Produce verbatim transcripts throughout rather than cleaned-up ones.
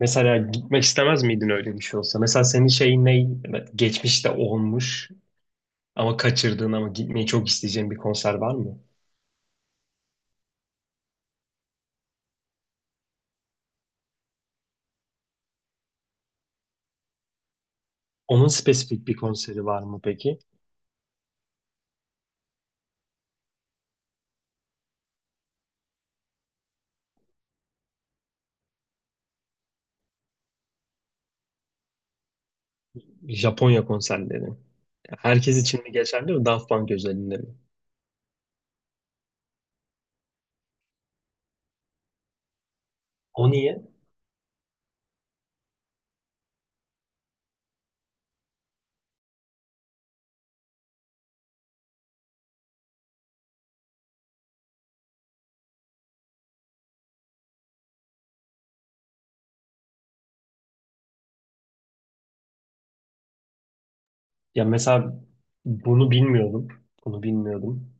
Mesela gitmek istemez miydin öyle bir şey olsa? Mesela senin şeyin ne? Geçmişte olmuş ama kaçırdığın ama gitmeyi çok isteyeceğin bir konser var mı? Onun spesifik bir konseri var mı peki? Japonya konserleri. Herkes için mi geçerli mi? Daft Punk özelinde mi? O niye? Ya mesela bunu bilmiyordum. Bunu bilmiyordum.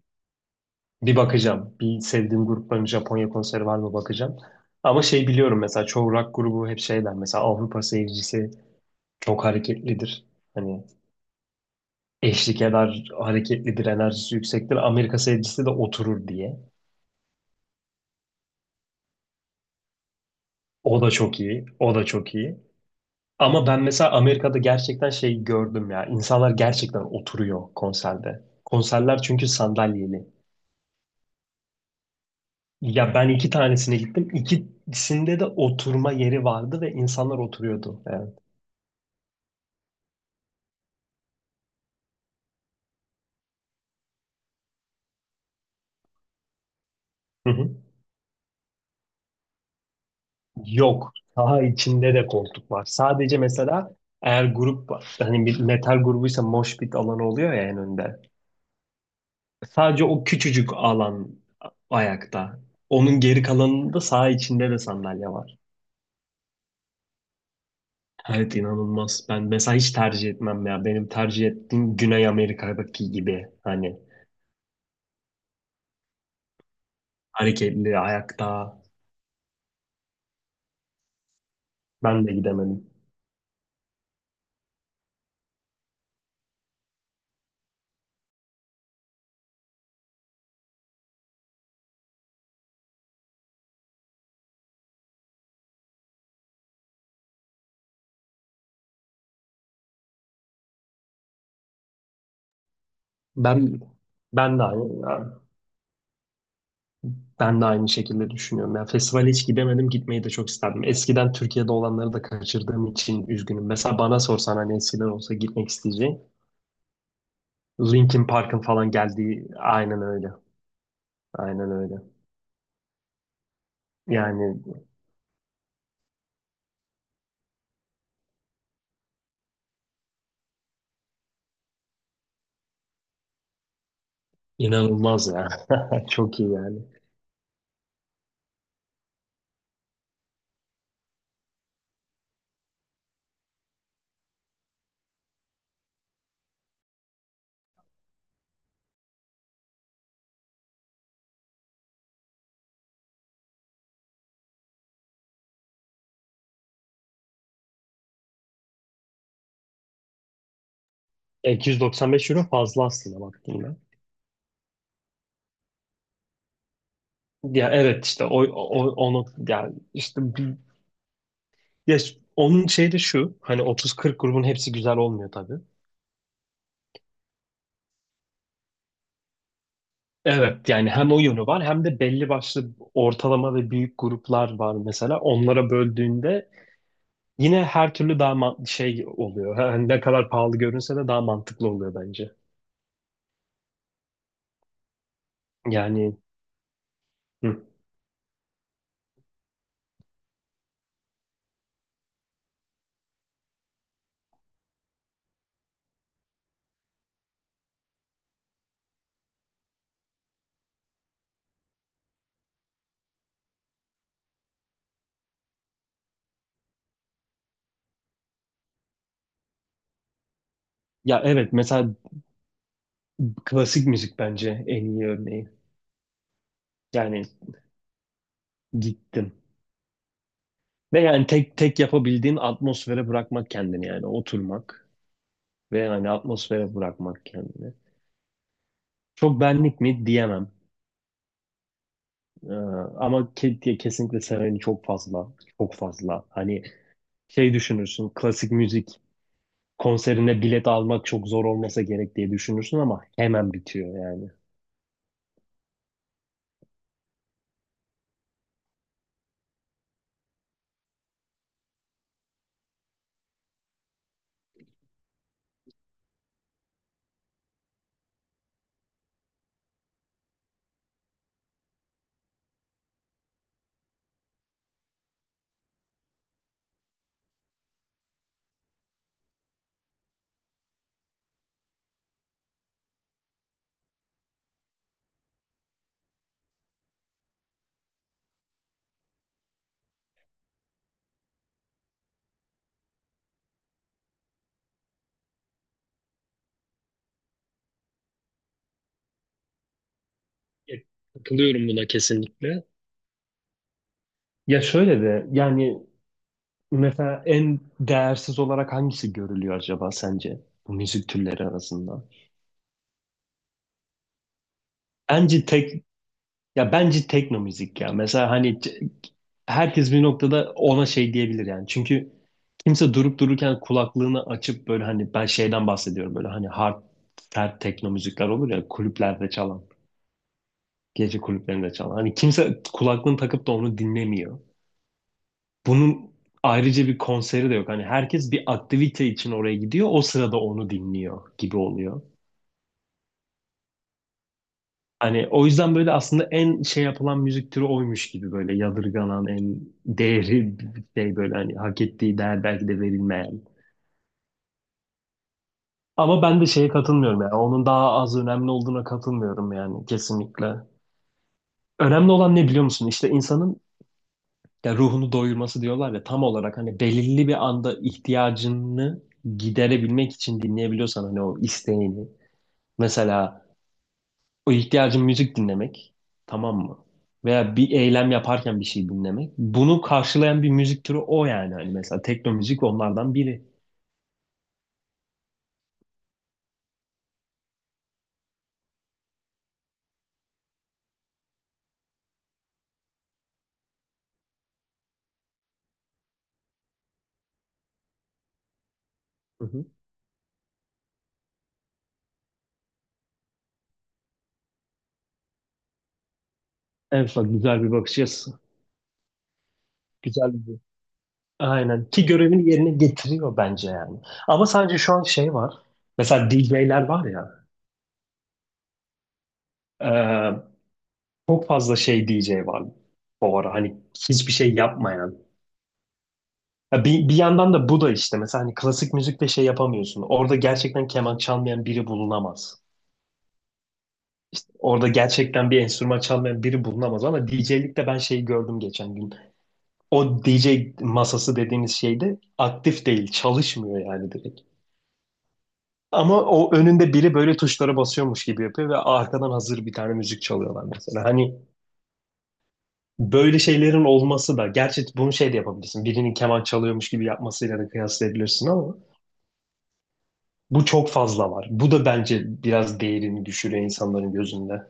Bir bakacağım. Bir sevdiğim grupların Japonya konseri var mı bakacağım. Ama şey biliyorum mesela çoğu rock grubu hep şeyler. Mesela Avrupa seyircisi çok hareketlidir. Hani eşlik eder, hareketlidir, enerjisi yüksektir. Amerika sevgisi de oturur diye. O da çok iyi, o da çok iyi. Ama ben mesela Amerika'da gerçekten şey gördüm ya. İnsanlar gerçekten oturuyor konserde. Konserler çünkü sandalyeli. Ya ben iki tanesine gittim. İkisinde de oturma yeri vardı ve insanlar oturuyordu. Evet. Hı hı. Yok. Daha içinde de koltuk var. Sadece mesela eğer grup var. Hani bir metal grubuysa mosh pit alanı oluyor ya en önde. Sadece o küçücük alan ayakta. Onun geri kalanında sağ içinde de sandalye var. Evet inanılmaz. Ben mesela hiç tercih etmem ya. Benim tercih ettiğim Güney Amerika'daki gibi hani hareketli ayakta. Ben de gidemedim. Ben ben de aynı ben de aynı şekilde düşünüyorum. Ya festivale hiç gidemedim, gitmeyi de çok isterdim. Eskiden Türkiye'de olanları da kaçırdığım için üzgünüm. Mesela bana sorsan hani eskiden olsa gitmek isteyeceğim. Linkin Park'ın falan geldiği aynen öyle. Aynen öyle. Yani inanılmaz ya. Çok iyi yani. E, iki yüz doksan beş euro fazla aslında baktığında. Ya evet işte o, o onu yani işte bir, ya onun şeyi de şu hani otuz kırk grubun hepsi güzel olmuyor tabii. Evet yani hem o yönü var hem de belli başlı ortalama ve büyük gruplar var mesela. Onlara böldüğünde yine her türlü daha ma- şey oluyor. Hani ne kadar pahalı görünse de daha mantıklı oluyor bence. Yani hı. Ya evet mesela klasik müzik bence en iyi örneği. Yani gittim. Ve yani tek tek yapabildiğin atmosfere bırakmak kendini yani oturmak ve yani atmosfere bırakmak kendini. Çok benlik mi diyemem. Ee, ama ke diye kesinlikle seveni çok fazla. Çok fazla. Hani şey düşünürsün klasik müzik konserine bilet almak çok zor olmasa gerek diye düşünürsün ama hemen bitiyor yani. Evet, katılıyorum buna kesinlikle. Ya şöyle de yani mesela en değersiz olarak hangisi görülüyor acaba sence bu müzik türleri arasında? Bence tek Ya bence tekno müzik ya. Mesela hani c- herkes bir noktada ona şey diyebilir yani. Çünkü kimse durup dururken kulaklığını açıp böyle hani ben şeyden bahsediyorum böyle hani hard sert tekno müzikler olur ya kulüplerde çalan, gece kulüplerinde çalan. Hani kimse kulaklığını takıp da onu dinlemiyor. Bunun ayrıca bir konseri de yok. Hani herkes bir aktivite için oraya gidiyor. O sırada onu dinliyor gibi oluyor. Hani o yüzden böyle aslında en şey yapılan müzik türü oymuş gibi böyle yadırganan en değeri şey böyle hani hak ettiği değer belki de verilmeyen. Ama ben de şeye katılmıyorum yani onun daha az önemli olduğuna katılmıyorum yani kesinlikle. Önemli olan ne biliyor musun? İşte insanın ya ruhunu doyurması diyorlar ya tam olarak hani belirli bir anda ihtiyacını giderebilmek için dinleyebiliyorsan hani o isteğini. Mesela o ihtiyacın müzik dinlemek, tamam mı? Veya bir eylem yaparken bir şey dinlemek. Bunu karşılayan bir müzik türü o yani. Hani mesela tekno müzik onlardan biri. Hı hı. Evet bak güzel bir bakış açısı. Güzel bir Aynen. Ki görevini yerine getiriyor bence yani. Ama sadece şu an şey var. Mesela D J'ler var ya. e, çok fazla şey D J var bu ara. Hani hiçbir şey yapmayan. Ya bir, bir yandan da bu da işte mesela hani klasik müzikte şey yapamıyorsun. Orada gerçekten keman çalmayan biri bulunamaz. İşte orada gerçekten bir enstrüman çalmayan biri bulunamaz ama D J'likte ben şeyi gördüm geçen gün. O D J masası dediğiniz şeyde aktif değil, çalışmıyor yani direkt. Ama o önünde biri böyle tuşlara basıyormuş gibi yapıyor ve arkadan hazır bir tane müzik çalıyorlar mesela. Hani böyle şeylerin olması da gerçi bunu şey de yapabilirsin. Birinin keman çalıyormuş gibi yapmasıyla da kıyaslayabilirsin ama bu çok fazla var. Bu da bence biraz değerini düşürüyor insanların gözünde.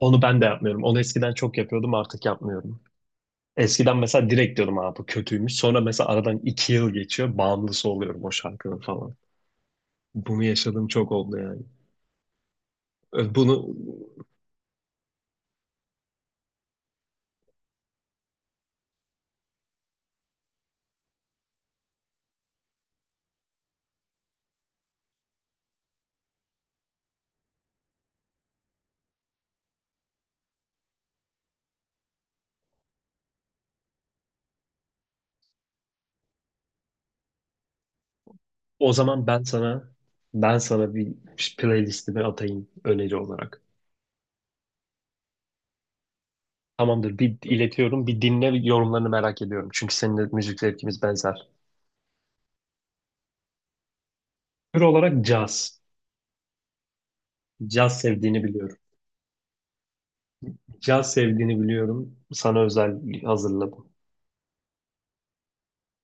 Onu ben de yapmıyorum. Onu eskiden çok yapıyordum artık yapmıyorum. Eskiden mesela direkt diyordum abi bu kötüymüş. Sonra mesela aradan iki yıl geçiyor. Bağımlısı oluyorum o şarkının falan. Bunu yaşadığım çok oldu yani. Ö, Bunu O zaman ben sana ben sana bir playlistimi atayım öneri olarak. Tamamdır bir iletiyorum. Bir dinle yorumlarını merak ediyorum. Çünkü seninle müzik zevkimiz benzer. Tür olarak caz. Caz sevdiğini biliyorum. Caz sevdiğini biliyorum. Sana özel hazırladım.